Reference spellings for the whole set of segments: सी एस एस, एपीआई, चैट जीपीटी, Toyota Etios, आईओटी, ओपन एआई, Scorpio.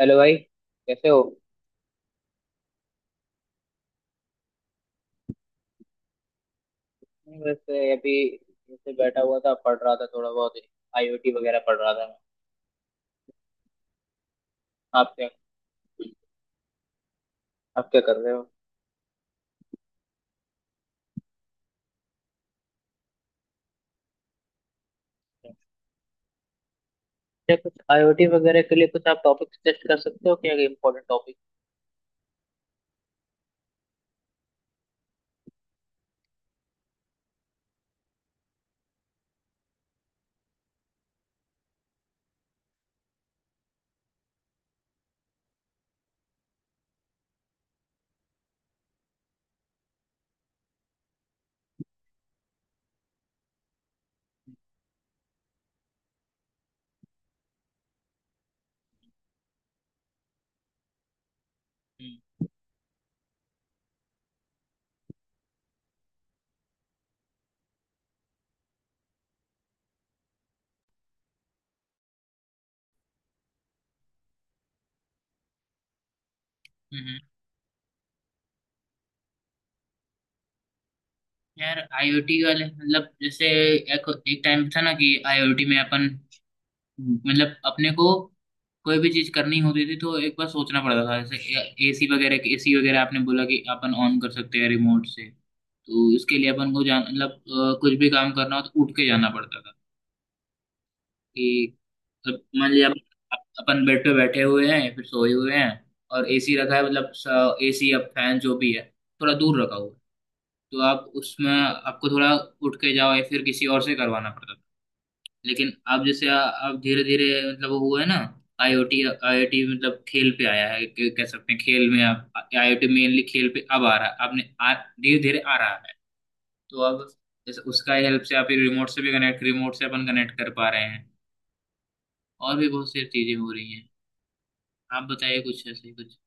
Hello भाई। कैसे हो? नहीं, वैसे अभी जैसे बैठा हुआ था, पढ़ रहा था थोड़ा बहुत। आईओटी वगैरह पढ़ रहा था मैं। आप क्या, आप क्या कर रहे हो? क्या कुछ आईओटी वगैरह के लिए कुछ आप टॉपिक सजेस्ट कर सकते हो क्या, इम्पोर्टेंट टॉपिक? हम्म। हम्म। यार आईओटी वाले मतलब जैसे एक एक टाइम था ना कि आईओटी में अपन, मतलब अपने को कोई भी चीज करनी होती थी तो एक बार सोचना पड़ता था। जैसे एसी वगैरह, एसी वगैरह आपने बोला कि अपन ऑन कर सकते हैं रिमोट से, तो इसके लिए अपन को जान मतलब कुछ भी काम करना हो तो उठ के जाना पड़ता था कि मतलब मान लिया अपन बेड पे बैठे हुए हैं, फिर सोए हुए हैं और एसी रखा है, मतलब एसी या फैन जो भी है थोड़ा दूर रखा हुआ है, तो आप उसमें आपको थोड़ा उठ के जाओ या फिर किसी और से करवाना पड़ता था। लेकिन अब जैसे अब धीरे धीरे मतलब वो हुआ है ना, आईओटी। आईओटी मतलब खेल पे आया है, कह सकते हैं खेल में अब आईओटी मेनली खेल पे अब आ रहा है। आपने आ धीरे धीरे आ रहा है, तो अब जैसे उसका हेल्प से आप रिमोट से भी कनेक्ट, रिमोट से अपन कनेक्ट कर पा रहे हैं और भी बहुत सी चीजें हो रही हैं। आप बताइए कुछ ऐसे, कुछ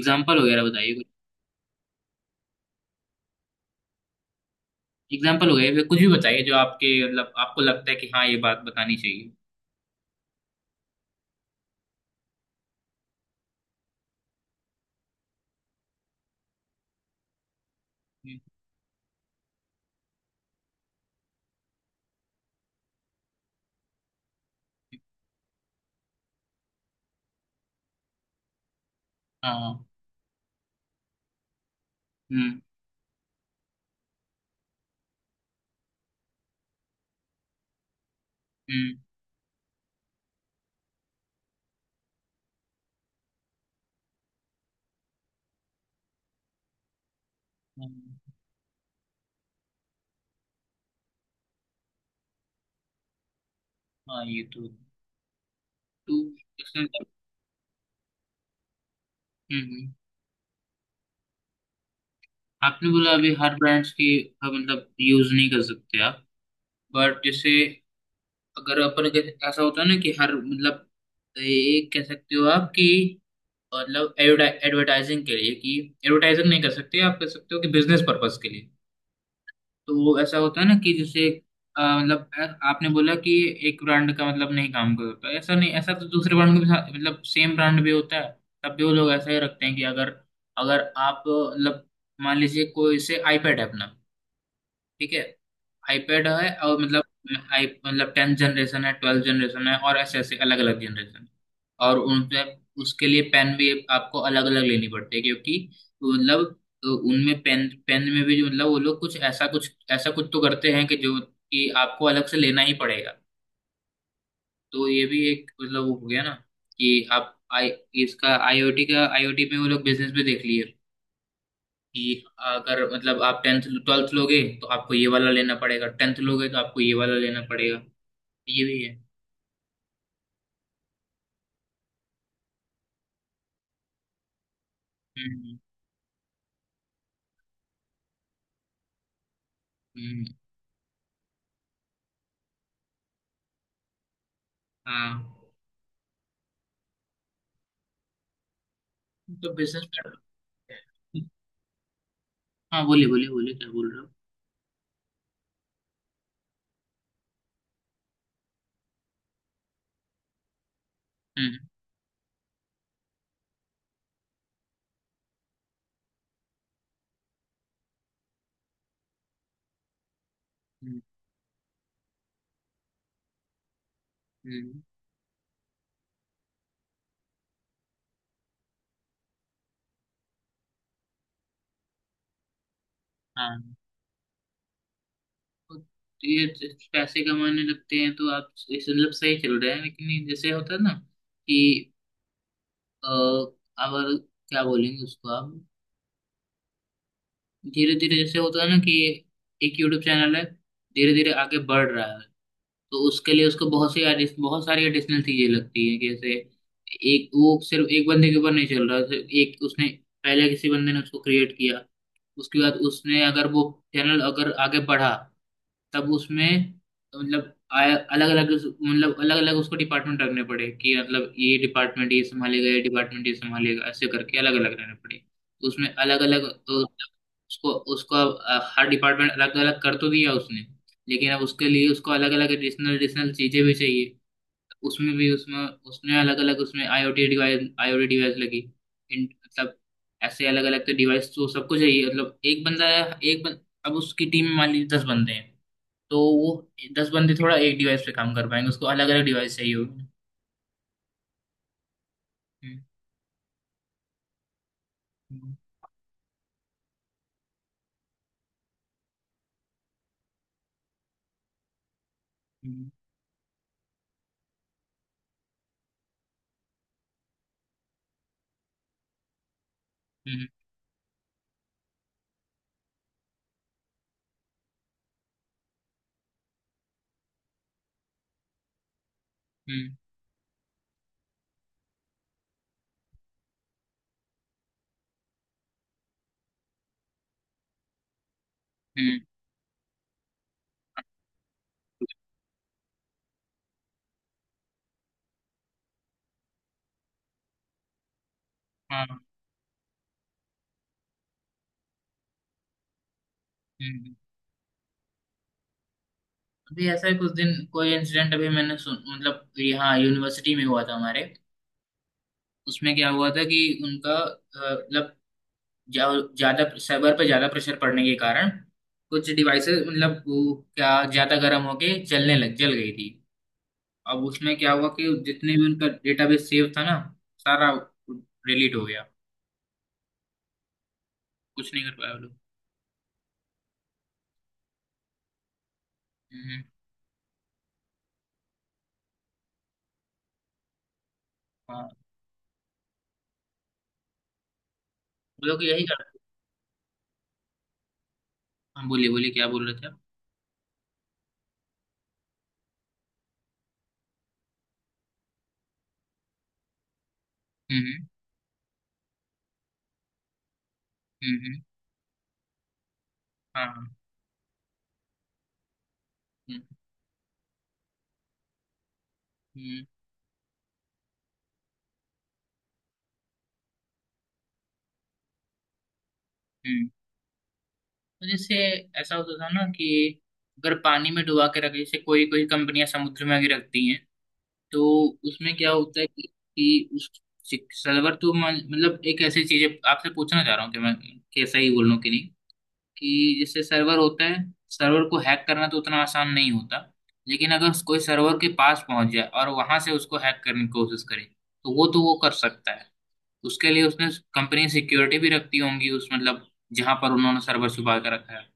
एग्जाम्पल वगैरह बताइए कुछ। एग्जाम्पल वगैरह फिर कुछ भी बताइए जो आपके मतलब आपको लगता है कि हाँ, ये बात बतानी चाहिए। हम्म। हाँ। हम्म। हम्म। हम्म। हाँ, ये तो टू परसेंट। हम्म। आपने बोला अभी हर ब्रांड्स की मतलब यूज नहीं कर सकते आप, बट जैसे अगर ऐसा होता है ना कि हर मतलब एक कह सकते हो आप कि मतलब एडवर्टाइजिंग के लिए कि, एडवर्टाइजिंग नहीं कर सकते आप, कह सकते हो कि बिजनेस पर्पस के लिए। तो वो ऐसा होता है ना कि जैसे मतलब आपने बोला कि एक ब्रांड का मतलब नहीं काम करता, ऐसा नहीं, ऐसा तो दूसरे ब्रांड का भी मतलब सेम ब्रांड भी होता है तब भी वो लोग ऐसा ही रखते हैं कि अगर, अगर आप मतलब मान लीजिए कोई से आईपैड है अपना, ठीक है, आईपैड है और मतलब आई मतलब टेंथ जनरेशन है, ट्वेल्थ जनरेशन है, और ऐसे ऐसे अलग अलग जनरेशन, और उन पे, उसके लिए पेन भी आपको अलग अलग लेनी पड़ती है क्योंकि मतलब उनमें पेन पेन में भी जो मतलब वो लोग कुछ ऐसा, कुछ ऐसा कुछ तो करते हैं कि जो कि आपको अलग से लेना ही पड़ेगा। तो ये भी एक मतलब वो हो गया ना कि आप आई, इसका आईओटी का, आईओटी में वो लोग बिजनेस भी देख लिए कि अगर मतलब आप टेंथ ट्वेल्थ लोगे तो आपको ये वाला लेना पड़ेगा, टेंथ लोगे तो आपको ये वाला लेना पड़ेगा। ये भी है। हम्म। हम्म। हाँ, तो बिजनेस कर सकते हैं। हाँ, बोलिए बोलिए बोलिए, क्या बोल रहे हो? हम्म। हम्म। हम्म। हाँ, तो ये पैसे कमाने लगते हैं तो आप इस मतलब सही चल रहे हैं, लेकिन ये जैसे होता है ना कि अ, अगर, क्या बोलेंगे उसको आप, धीरे धीरे जैसे होता है ना कि एक यूट्यूब चैनल है, धीरे धीरे आगे बढ़ रहा है, तो उसके लिए उसको बहुत सी बहुत सारी एडिशनल चीजें लगती है। जैसे एक वो सिर्फ एक बंदे के ऊपर नहीं चल रहा, सिर्फ एक उसने, पहले किसी बंदे ने उसको क्रिएट किया, उसके बाद उसने अगर वो चैनल अगर आगे बढ़ा, तब उसमें मतलब मतलब अलग अलग उसको डिपार्टमेंट रखने पड़े कि मतलब ये डिपार्टमेंट ये संभालेगा, ये डिपार्टमेंट ये संभालेगा, ऐसे करके अलग अलग रहने पड़े। उसमें अलग अलग तो उसको, हर डिपार्टमेंट अलग अलग कर तो दिया उसने, लेकिन अब उसके लिए उसको अलग अलग एडिशनल एडिशनल चीजें भी चाहिए। उसमें भी उसमें, उसमें अलग अलग उसमें आईओटी डिवाइस लगी इन मतलब ऐसे अलग अलग तो डिवाइस तो सबको चाहिए, मतलब एक बंदा है एक अब उसकी टीम में मान लीजिए दस बंदे हैं, तो वो दस बंदे थोड़ा एक डिवाइस पे काम कर पाएंगे, उसको अलग अलग डिवाइस चाहिए होगी। हम्म। हम्म। हम्म। हम्म। हम्म। हम्म। हाँ। हम्म। हम्म। अभी ऐसा ही कुछ दिन कोई इंसिडेंट अभी मैंने सुन, मतलब यहाँ यूनिवर्सिटी में हुआ था हमारे। उसमें क्या हुआ था कि उनका मतलब ज्यादा सर्वर पर ज्यादा प्रेशर पड़ने के कारण कुछ डिवाइसेस मतलब वो क्या ज्यादा गर्म होके जलने लग जल गई थी। अब उसमें क्या हुआ कि जितने भी उनका डेटाबेस सेव था ना, सारा डिलीट हो गया। कुछ नहीं कर पाया वो लोग। हम्म। हाँ, वो लोग यही कर, हाँ बोलिए बोलिए क्या बोल रहे थे आप? हम्म। हम्म। हम्म। हम्म। हाँ। हाँ। हम्म। हम्म। हम्म। तो जैसे ऐसा होता था ना कि अगर पानी में डुबा के रखे, जैसे कोई कोई कंपनियां समुद्र में आके रखती हैं, तो उसमें क्या होता है कि उस सर्वर तो मतलब एक ऐसी चीज है आपसे पूछना चाह रहा हूँ कि मैं कैसा ही बोल लूँ कि नहीं, कि जैसे सर्वर होता है, सर्वर को हैक करना तो उतना आसान नहीं होता, लेकिन अगर कोई सर्वर के पास पहुंच जाए और वहां से उसको हैक करने की कोशिश करे तो वो, तो वो कर सकता है। उसके लिए उसने कंपनी सिक्योरिटी भी रखती होंगी उस मतलब जहां पर उन्होंने सर्वर छुपा के रखा है।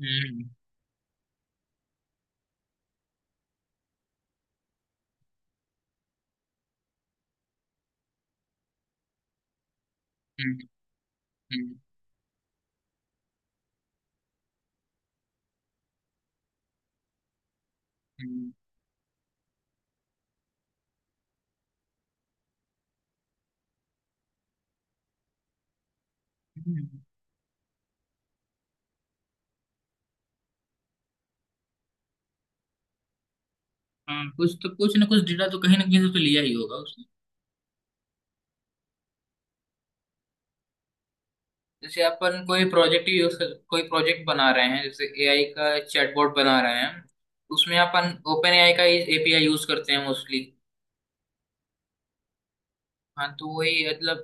हम्म। हम्म। हम्म। हम्म। हम्म। हाँ, कुछ तो कुछ ना कुछ डेटा तो कहीं ना कहीं से तो लिया ही होगा उसने। जैसे अपन कोई प्रोजेक्ट यूज, कोई प्रोजेक्ट बना रहे हैं जैसे एआई का चैटबॉट बना रहे हैं, उसमें अपन ओपन एआई का एपीआई यूज करते हैं मोस्टली। हाँ, तो वही मतलब,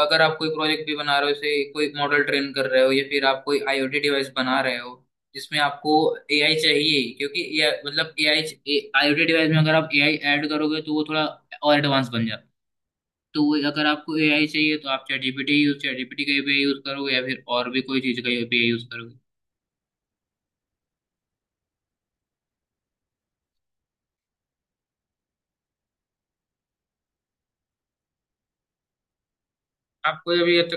अगर आप कोई प्रोजेक्ट भी बना रहे हो जैसे कोई मॉडल ट्रेन कर रहे हो या फिर आप कोई आईओटी डिवाइस बना रहे हो जिसमें आपको एआई चाहिए, क्योंकि AI मतलब एआई आईओटी डिवाइस में अगर आप एआई ऐड करोगे तो वो थोड़ा और एडवांस बन जाता है। तो वही, अगर आपको एआई चाहिए तो आप चैट जीपीटी का एपीआई यूज करोगे या फिर और भी कोई चीज का एपीआई यूज करोगे। आपको अभी ये तो,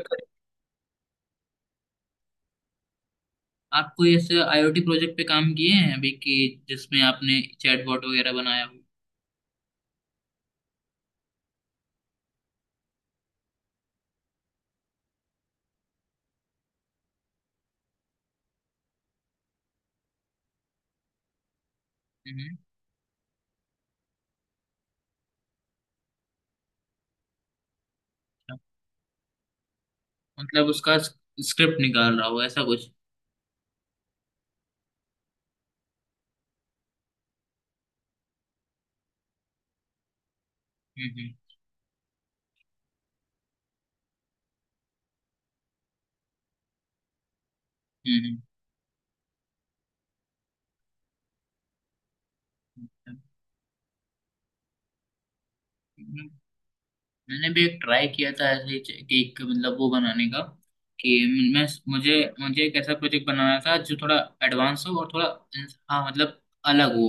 आप कोई ऐसे आईओटी प्रोजेक्ट पे काम किए हैं अभी कि जिसमें आपने चैटबॉट वगैरह बनाया हो? हम्म। अच्छा। मतलब उसका स्क्रिप्ट निकाल रहा हो ऐसा कुछ। हम्म। हम्म। हम्म। हम्म। हम्म। हम्म। मैंने भी एक ट्राई किया था ऐसे ही केक के मतलब वो बनाने का। कि मैं, मुझे मुझे एक ऐसा प्रोजेक्ट बनाना था जो थोड़ा एडवांस हो और थोड़ा, हाँ मतलब अलग हो।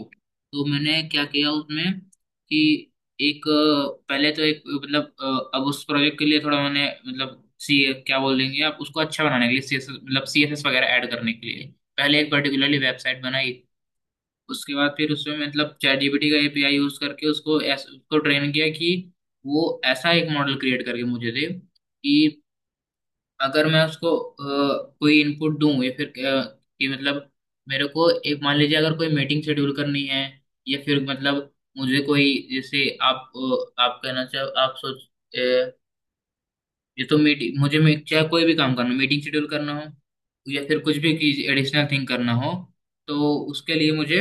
तो मैंने क्या किया उसमें कि एक पहले तो एक मतलब अब उस प्रोजेक्ट के लिए थोड़ा मैंने मतलब सी, क्या बोल देंगे आप उसको, अच्छा बनाने के लिए सी एस मतलब सी एस एस वगैरह ऐड करने के लिए पहले एक पर्टिकुलरली वेबसाइट बनाई। उसके बाद फिर उसमें मतलब चैट जीपीटी का एपीआई यूज करके उसको उसको ट्रेन किया कि वो ऐसा एक मॉडल क्रिएट करके मुझे दे कि अगर मैं उसको कोई इनपुट दूं या फिर कि मतलब मेरे को एक मान लीजिए अगर कोई मीटिंग शेड्यूल करनी है या फिर मतलब मुझे कोई, जैसे आप आप कहना चाहो आप सोच अ, ये तो मीटिंग मुझे चाहे कोई भी काम करना, मीटिंग शेड्यूल करना हो या फिर कुछ भी एडिशनल थिंग करना हो, तो उसके लिए मुझे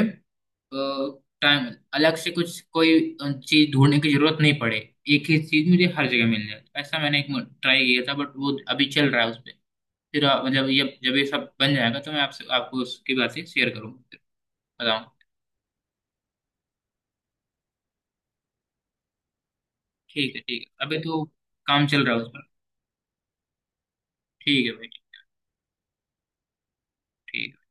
टाइम, अलग से कुछ कोई चीज ढूंढने की जरूरत नहीं पड़े, एक ही चीज मुझे हर जगह मिल जाए, ऐसा मैंने एक ट्राई किया था। बट वो अभी चल रहा है उस पे। फिर जब ये सब बन जाएगा तो मैं आपसे आपको उसकी बातें शेयर करूंगा, फिर बताऊंगा। ठीक है। ठीक है, अभी तो काम चल रहा है उस पर। ठीक है भाई। ठीक है।